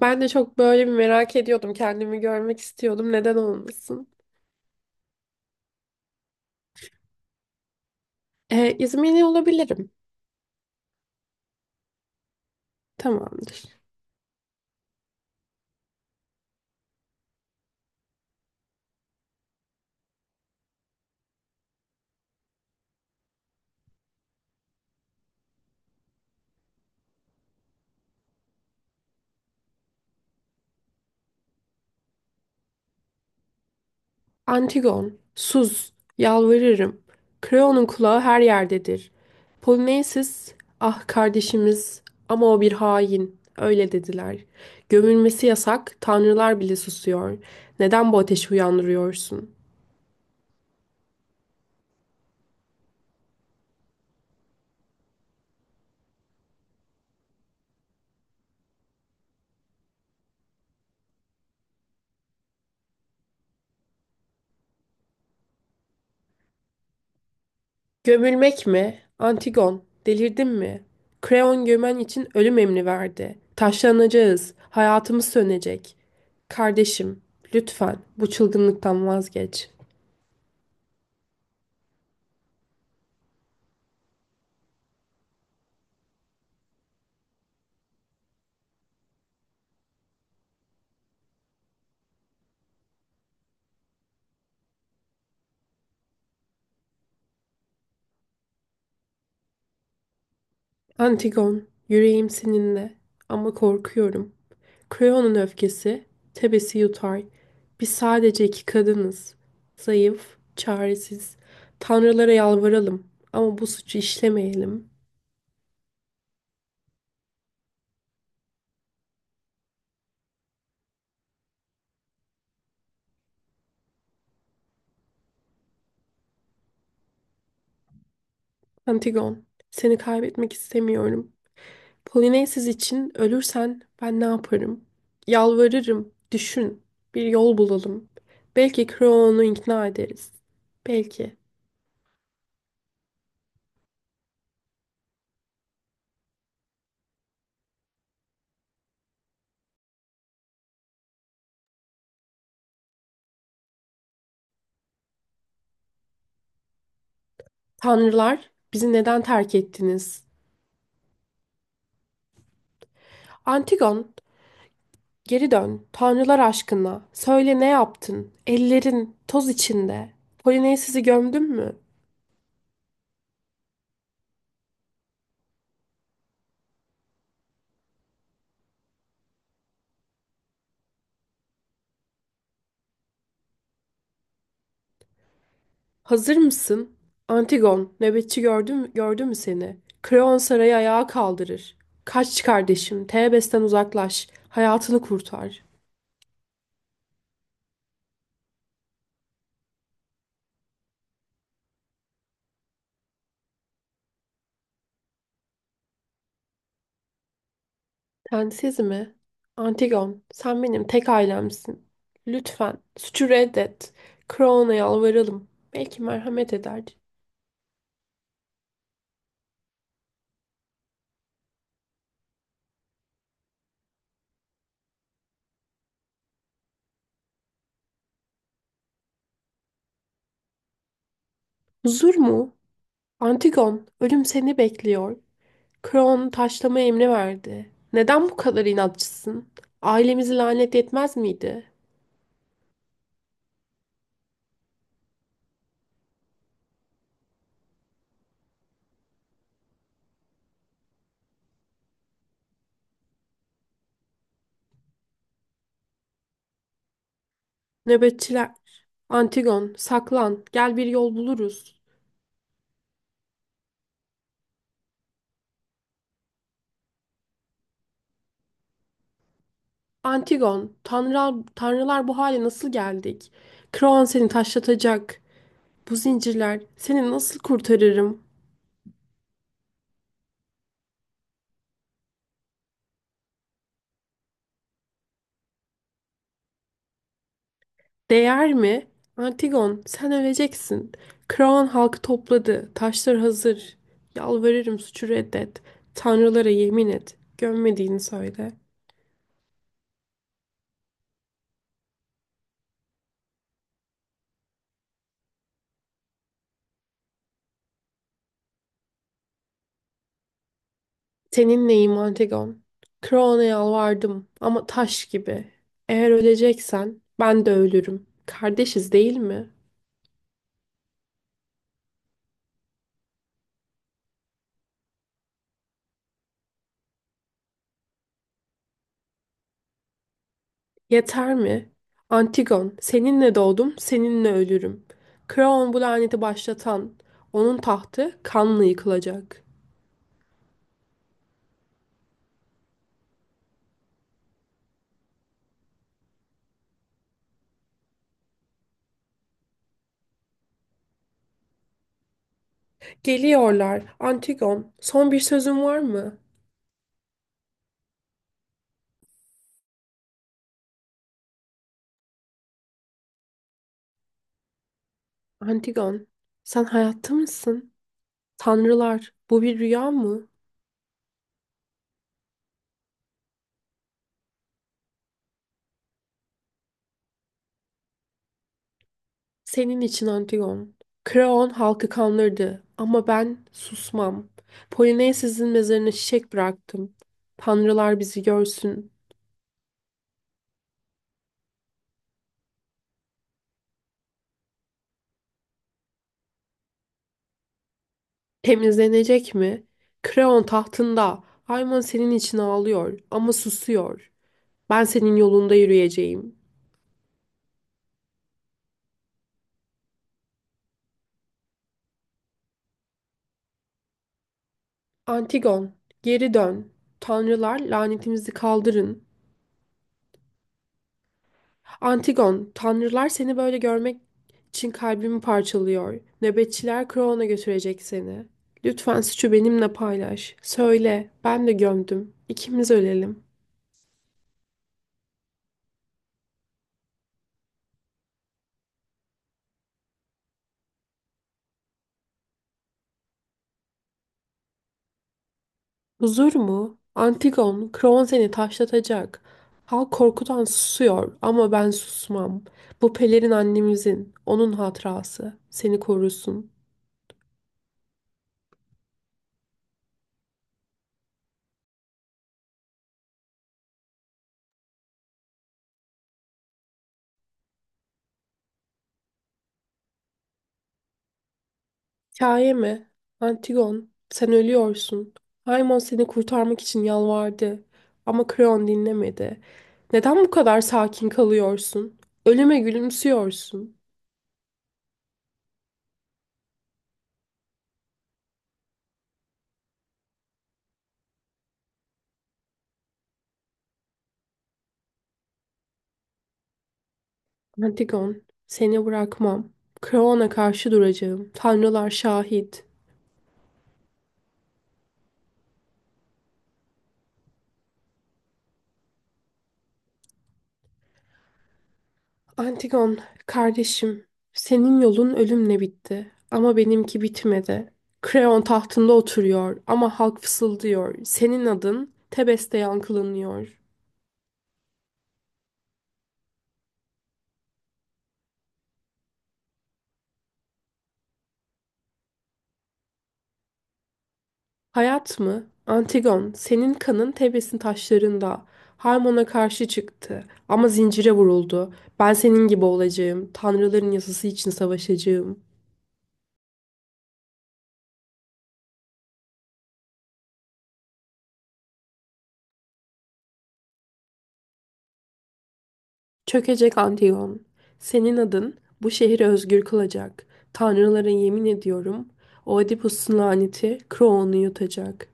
Ben de çok böyle bir merak ediyordum. Kendimi görmek istiyordum. Neden olmasın? İzmirli olabilirim. Tamamdır. Antigon, Suz, yalvarırım. Kreon'un kulağı her yerdedir. Polonezis, ah kardeşimiz ama o bir hain. Öyle dediler. Gömülmesi yasak, tanrılar bile susuyor. Neden bu ateşi uyandırıyorsun? Gömülmek mi? Antigon, delirdin mi? Kreon gömen için ölüm emri verdi. Taşlanacağız, hayatımız sönecek. Kardeşim, lütfen bu çılgınlıktan vazgeç. Antigon, yüreğim seninle ama korkuyorum. Kreon'un öfkesi, Tebes'i yutar. Biz sadece iki kadınız. Zayıf, çaresiz. Tanrılara yalvaralım ama bu suçu işlemeyelim. Antigon, seni kaybetmek istemiyorum. Polonezsiz için ölürsen ben ne yaparım? Yalvarırım, düşün. Bir yol bulalım. Belki Kreon'u ikna ederiz. Belki. Tanrılar, bizi neden terk ettiniz? Antigon, geri dön. Tanrılar aşkına. Söyle ne yaptın? Ellerin toz içinde. Polonezsiz'i gömdün mü? Hazır mısın? Antigon, nöbetçi gördü mü seni? Kreon sarayı ayağa kaldırır. Kaç kardeşim, Tebes'ten uzaklaş, hayatını kurtar. Sen siz mi? Antigon, sen benim tek ailemsin. Lütfen suçu reddet. Kroon'a yalvaralım. Belki merhamet eder. Huzur mu? Antigon, ölüm seni bekliyor. Kroon taşlama emri verdi. Neden bu kadar inatçısın? Ailemizi lanet etmez miydi? Nöbetçiler. Antigon, saklan. Gel bir yol buluruz. Antigon, tanrılar bu hale nasıl geldik? Kroon seni taşlatacak. Bu zincirler seni nasıl kurtarırım? Değer mi? Antigon, sen öleceksin. Kraon halkı topladı. Taşlar hazır. Yalvarırım suçu reddet. Tanrılara yemin et. Gömmediğini söyle. Seninleyim Antigon. Kraon'a yalvardım ama taş gibi. Eğer öleceksen ben de ölürüm. Kardeşiz değil mi? Yeter mi? Antigon, seninle doğdum, seninle ölürüm. Kraon bu laneti başlatan, onun tahtı kanla yıkılacak. Geliyorlar, Antigon, son bir sözün var mı? Antigon, sen hayatta mısın? Tanrılar, bu bir rüya mı? Senin için Antigon. Kraon halkı kanlardı ama ben susmam. Polonezes'in mezarına çiçek bıraktım. Tanrılar bizi görsün. Temizlenecek mi? Kreon tahtında. Ayman senin için ağlıyor ama susuyor. Ben senin yolunda yürüyeceğim. Antigon, geri dön. Tanrılar lanetimizi kaldırın. Antigon, tanrılar seni böyle görmek için kalbimi parçalıyor. Nöbetçiler Kreon'a götürecek seni. Lütfen suçu benimle paylaş. Söyle, ben de gömdüm. İkimiz ölelim. Huzur mu? Antigon, Kron seni taşlatacak. Halk korkudan susuyor ama ben susmam. Bu pelerin annemizin, onun hatırası. Seni korusun. Hikaye mi? Antigon, sen ölüyorsun. Haymon seni kurtarmak için yalvardı. Ama Kron dinlemedi. Neden bu kadar sakin kalıyorsun? Ölüme gülümsüyorsun. Antigon, seni bırakmam. Kron'a karşı duracağım. Tanrılar şahit. Antigon, kardeşim, senin yolun ölümle bitti ama benimki bitmedi. Kreon tahtında oturuyor ama halk fısıldıyor. Senin adın Tebes'te yankılanıyor. Hayat mı? Antigon, senin kanın Tebes'in taşlarında. Harmon'a karşı çıktı ama zincire vuruldu. Ben senin gibi olacağım. Tanrıların yasası için savaşacağım. Çökecek Antigone, senin adın bu şehri özgür kılacak. Tanrılara yemin ediyorum, Oedipus'un laneti Kroon'u yutacak.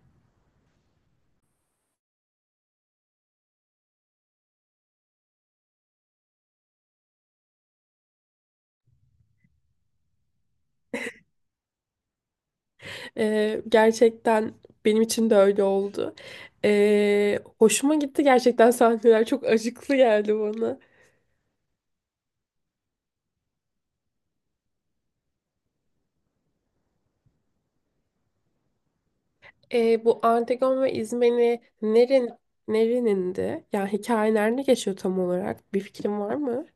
Gerçekten benim için de öyle oldu. Hoşuma gitti gerçekten, sahneler çok acıklı geldi bana. Bu Antigone ve İzmeni nerenindi? Yani hikaye nerede geçiyor tam olarak? Bir fikrin var mı?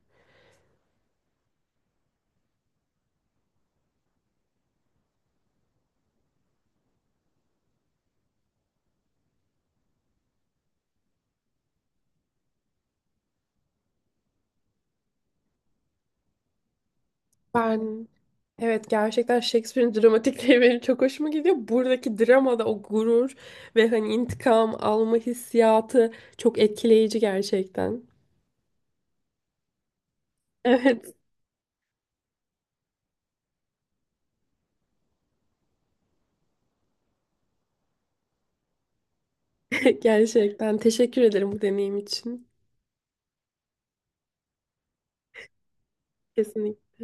Ben evet, gerçekten Shakespeare'in dramatikleri benim çok hoşuma gidiyor. Buradaki dramada o gurur ve hani intikam alma hissiyatı çok etkileyici gerçekten. Evet, gerçekten teşekkür ederim bu deneyim için. Kesinlikle.